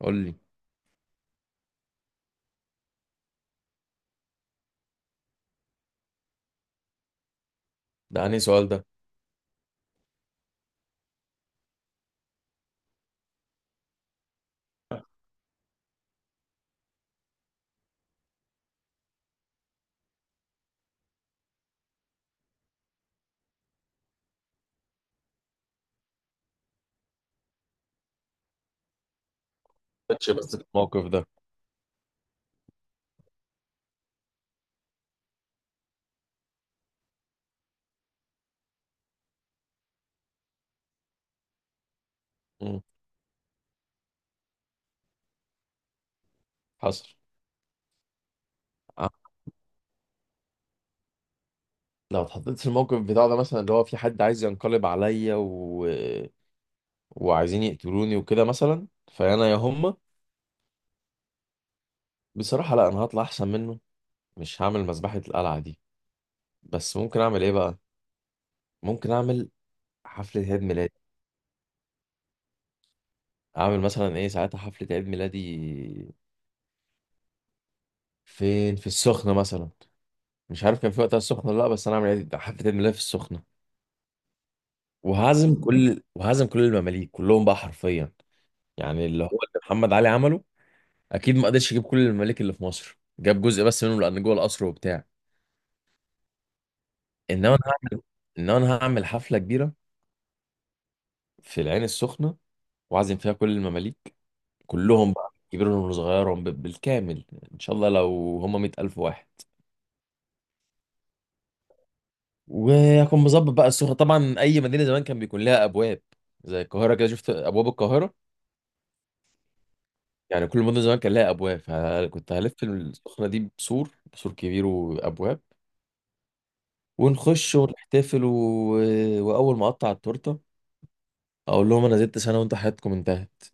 قول لي. ده أنهي سؤال ده؟ ماتش بس في الموقف ده. مم. حصل. آه، لو اتحطيت في الموقف بتاع ده مثلا اللي هو في حد عايز ينقلب عليا وعايزين يقتلوني وكده مثلا. فأنا يا هما، بصراحة لا، أنا هطلع أحسن منه. مش هعمل مذبحة القلعة دي. بس ممكن أعمل إيه بقى؟ ممكن أعمل حفلة عيد ميلادي. أعمل مثلا إيه ساعتها؟ حفلة عيد ميلادي فين؟ في السخنة مثلا. مش عارف كان في وقتها السخنة ولا لا، بس أنا أعمل حفلة عيد ميلادي في السخنة. وهعزم كل المماليك كلهم بقى حرفيا. يعني اللي هو اللي محمد علي عمله، اكيد ما قدرش يجيب كل الممالك اللي في مصر، جاب جزء بس منهم لان جوه القصر وبتاع. انما انا هعمل انما انا هعمل حفله كبيره في العين السخنه، واعزم فيها كل المماليك كلهم بقى، كبيرهم وصغيرهم بالكامل. ان شاء الله لو هم 100,000 واحد. وهكون مظبط بقى السخنه. طبعا اي مدينه زمان كان بيكون لها ابواب، زي القاهره كده، شفت ابواب القاهره. يعني كل مدن زمان كان لها ابواب، فكنت هلف السخنه دي بسور كبير وابواب، ونخش ونحتفل واول ما اقطع التورته، اقول لهم انا زدت سنه وانتوا حياتكم انتهت.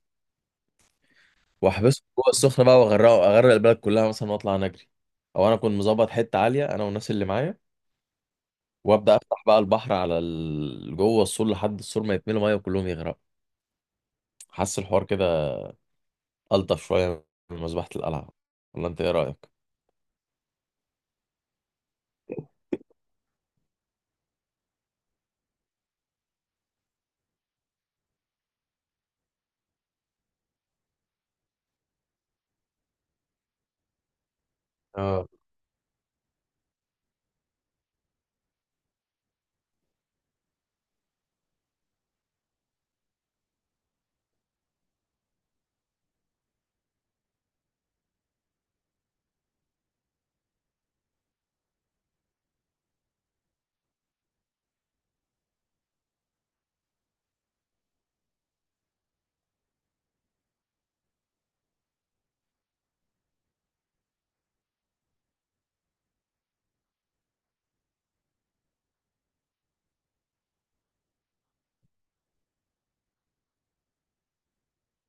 واحبسهم جوه السخنه بقى، اغرق البلد كلها مثلا واطلع نجري. او انا كنت مظبط حته عاليه انا والناس اللي معايا، وابدا افتح بقى البحر على جوه السور، لحد السور ما يتملوا ميه وكلهم يغرقوا. حاسس الحوار كده الطف شويه من مذبحه القلعه، ولا انت ايه رايك؟ اه.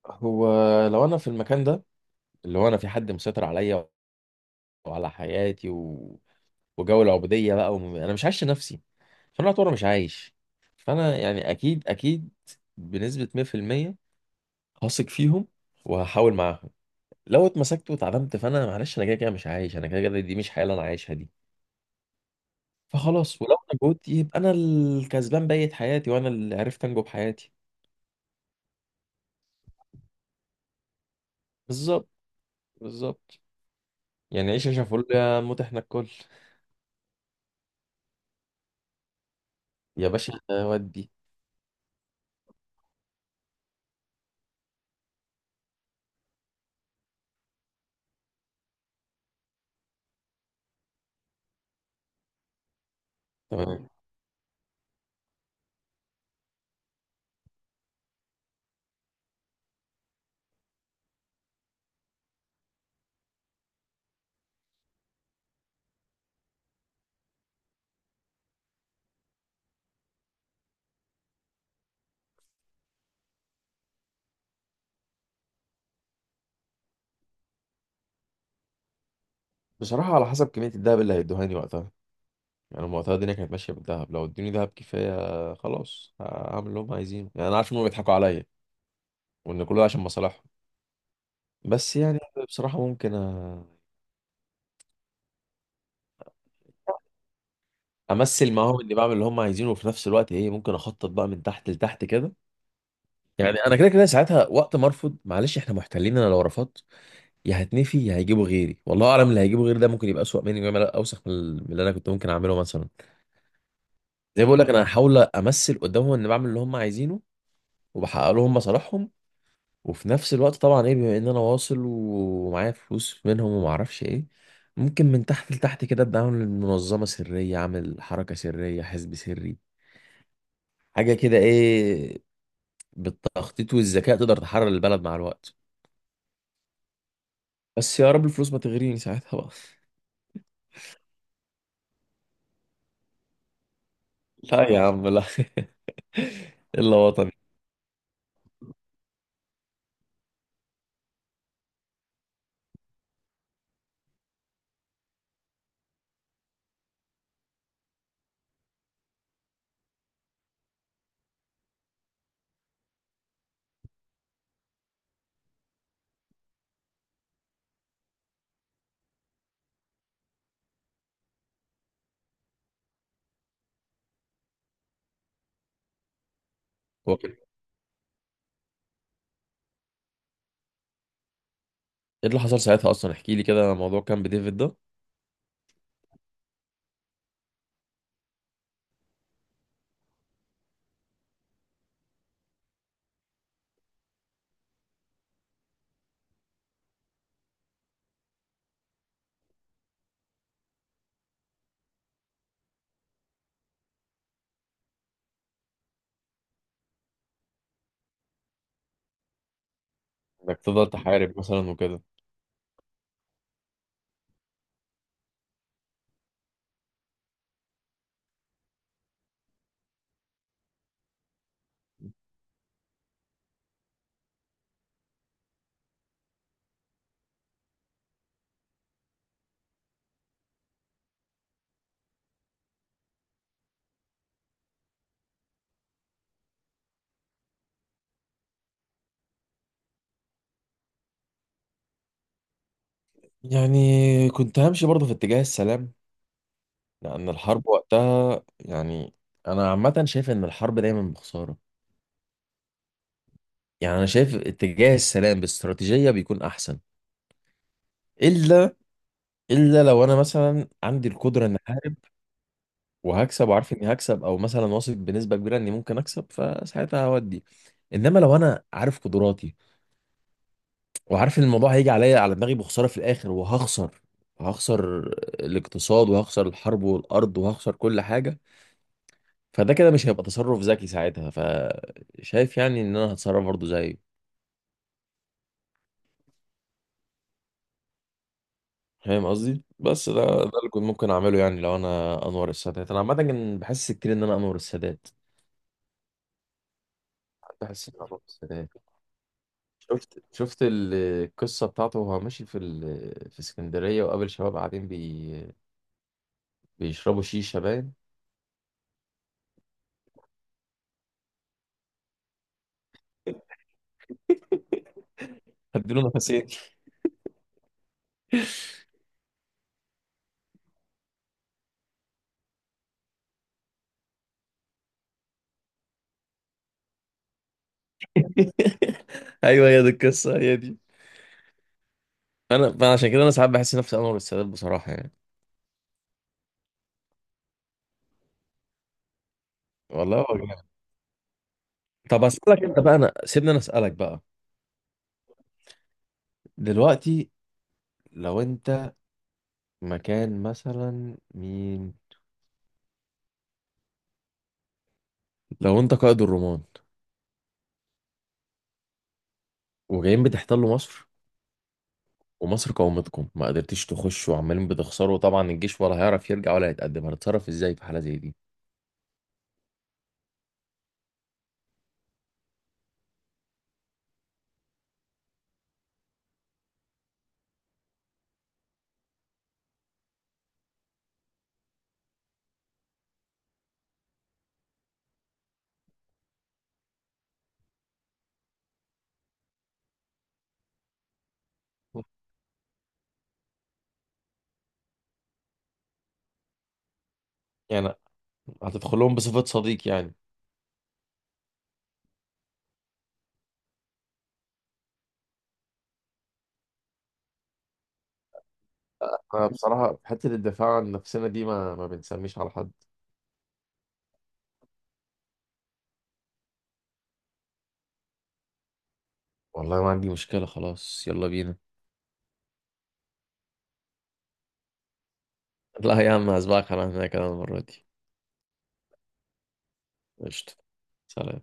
هو لو انا في المكان ده، اللي هو انا في حد مسيطر عليا وعلى حياتي وجو العبودية بقى، أنا مش عايش لنفسي، فأنا أعتبر مش عايش. فأنا يعني أكيد أكيد، بنسبة 100%، هثق فيهم وهحاول معاهم. لو اتمسكت واتعدمت فأنا معلش، أنا كده كده مش عايش، أنا كده كده دي مش حياة اللي أنا عايشها دي. فخلاص ولو نجوت يبقى أنا الكسبان بقية حياتي، وأنا اللي عرفت أنجو بحياتي. بالظبط، بالظبط. يعني عيش عيشة فل يا موت إحنا الكل. يا باشا ودي. تمام. بصراحة على حسب كمية الدهب اللي هيدوهاني وقتها. يعني هم وقتها الدنيا كانت ماشيه بالذهب، لو ادوني ذهب كفايه خلاص هعمل اللي هم عايزينه. يعني انا عارف ان هم بيضحكوا عليا وان كله عشان مصالحهم. بس يعني بصراحه ممكن امثل معاهم اني بعمل اللي هم عايزينه، وفي نفس الوقت ايه، ممكن اخطط بقى من تحت لتحت كده. يعني انا كده كده ساعتها، وقت ما ارفض، معلش احنا محتلين، انا لو رفضت يا هتنفي يا هيجيبوا غيري، والله اعلم اللي هيجيبوا غيري ده ممكن يبقى اسوأ مني، ويعمل اوسخ من اللي انا كنت ممكن اعمله مثلا. زي ما بقول لك، انا هحاول امثل قدامهم اني بعمل اللي هم عايزينه وبحقق لهم مصالحهم. وفي نفس الوقت طبعا ايه، بما ان انا واصل ومعايا فلوس منهم وما اعرفش ايه، ممكن من تحت لتحت كده ابدا اعمل منظمه سريه، اعمل حركه سريه، حزب سري، حاجه كده ايه. بالتخطيط والذكاء تقدر تحرر البلد مع الوقت. بس يا رب الفلوس ما تغريني ساعتها بقى. لا يا عم لا. الا وطني. هو كده. ايه اللي حصل ساعتها اصلا؟ احكي لي كده موضوع كان بديفيد ده. انك تفضل تحارب مثلا وكده؟ يعني كنت همشي برضه في اتجاه السلام. لأن الحرب وقتها يعني، أنا عامة شايف إن الحرب دايما بخسارة. يعني أنا شايف اتجاه السلام باستراتيجية بيكون أحسن. إلا إلا لو أنا مثلا عندي القدرة إن أحارب وهكسب وعارف إني هكسب، أو مثلا واثق بنسبة كبيرة إني ممكن أكسب، فساعتها هودي. إنما لو أنا عارف قدراتي وعارف إن الموضوع هيجي عليا على دماغي بخسارة في الآخر، هخسر الاقتصاد وهخسر الحرب والأرض وهخسر كل حاجة، فده كده مش هيبقى تصرف ذكي ساعتها. فشايف يعني ان انا هتصرف برضه زيه. فاهم قصدي؟ بس ده، ده اللي كنت ممكن اعمله. يعني لو انا انور السادات، انا عامه كان بحس كتير ان انا انور السادات، بحس ان انا انور السادات. شفت القصه بتاعته وهو ماشي في اسكندريه، وقابل شباب قاعدين بيشربوا شيشه باين. هديله نفسين. ايوه هي دي القصه هي دي. انا فأنا عشان كده انا ساعات بحس نفسي انور السادات بصراحه يعني. والله هو جامد. طب اسالك انت بقى، انا سيبني انا اسالك بقى. دلوقتي لو انت مكان مثلا مين؟ لو انت قائد الرومان وجايين بتحتلوا مصر، ومصر قاومتكم ما قدرتيش تخشوا وعمالين بتخسروا طبعا، الجيش ولا هيعرف يرجع ولا هيتقدم، هتتصرف ازاي في حالة زي دي؟ يعني هتدخل لهم بصفة صديق يعني؟ أنا بصراحة في حتة الدفاع عن نفسنا دي ما بنسميش على حد. والله ما عندي مشكلة، خلاص يلا بينا. لا يا عم، هسبقك على هناك انا المرة دي. قشطة. سلام.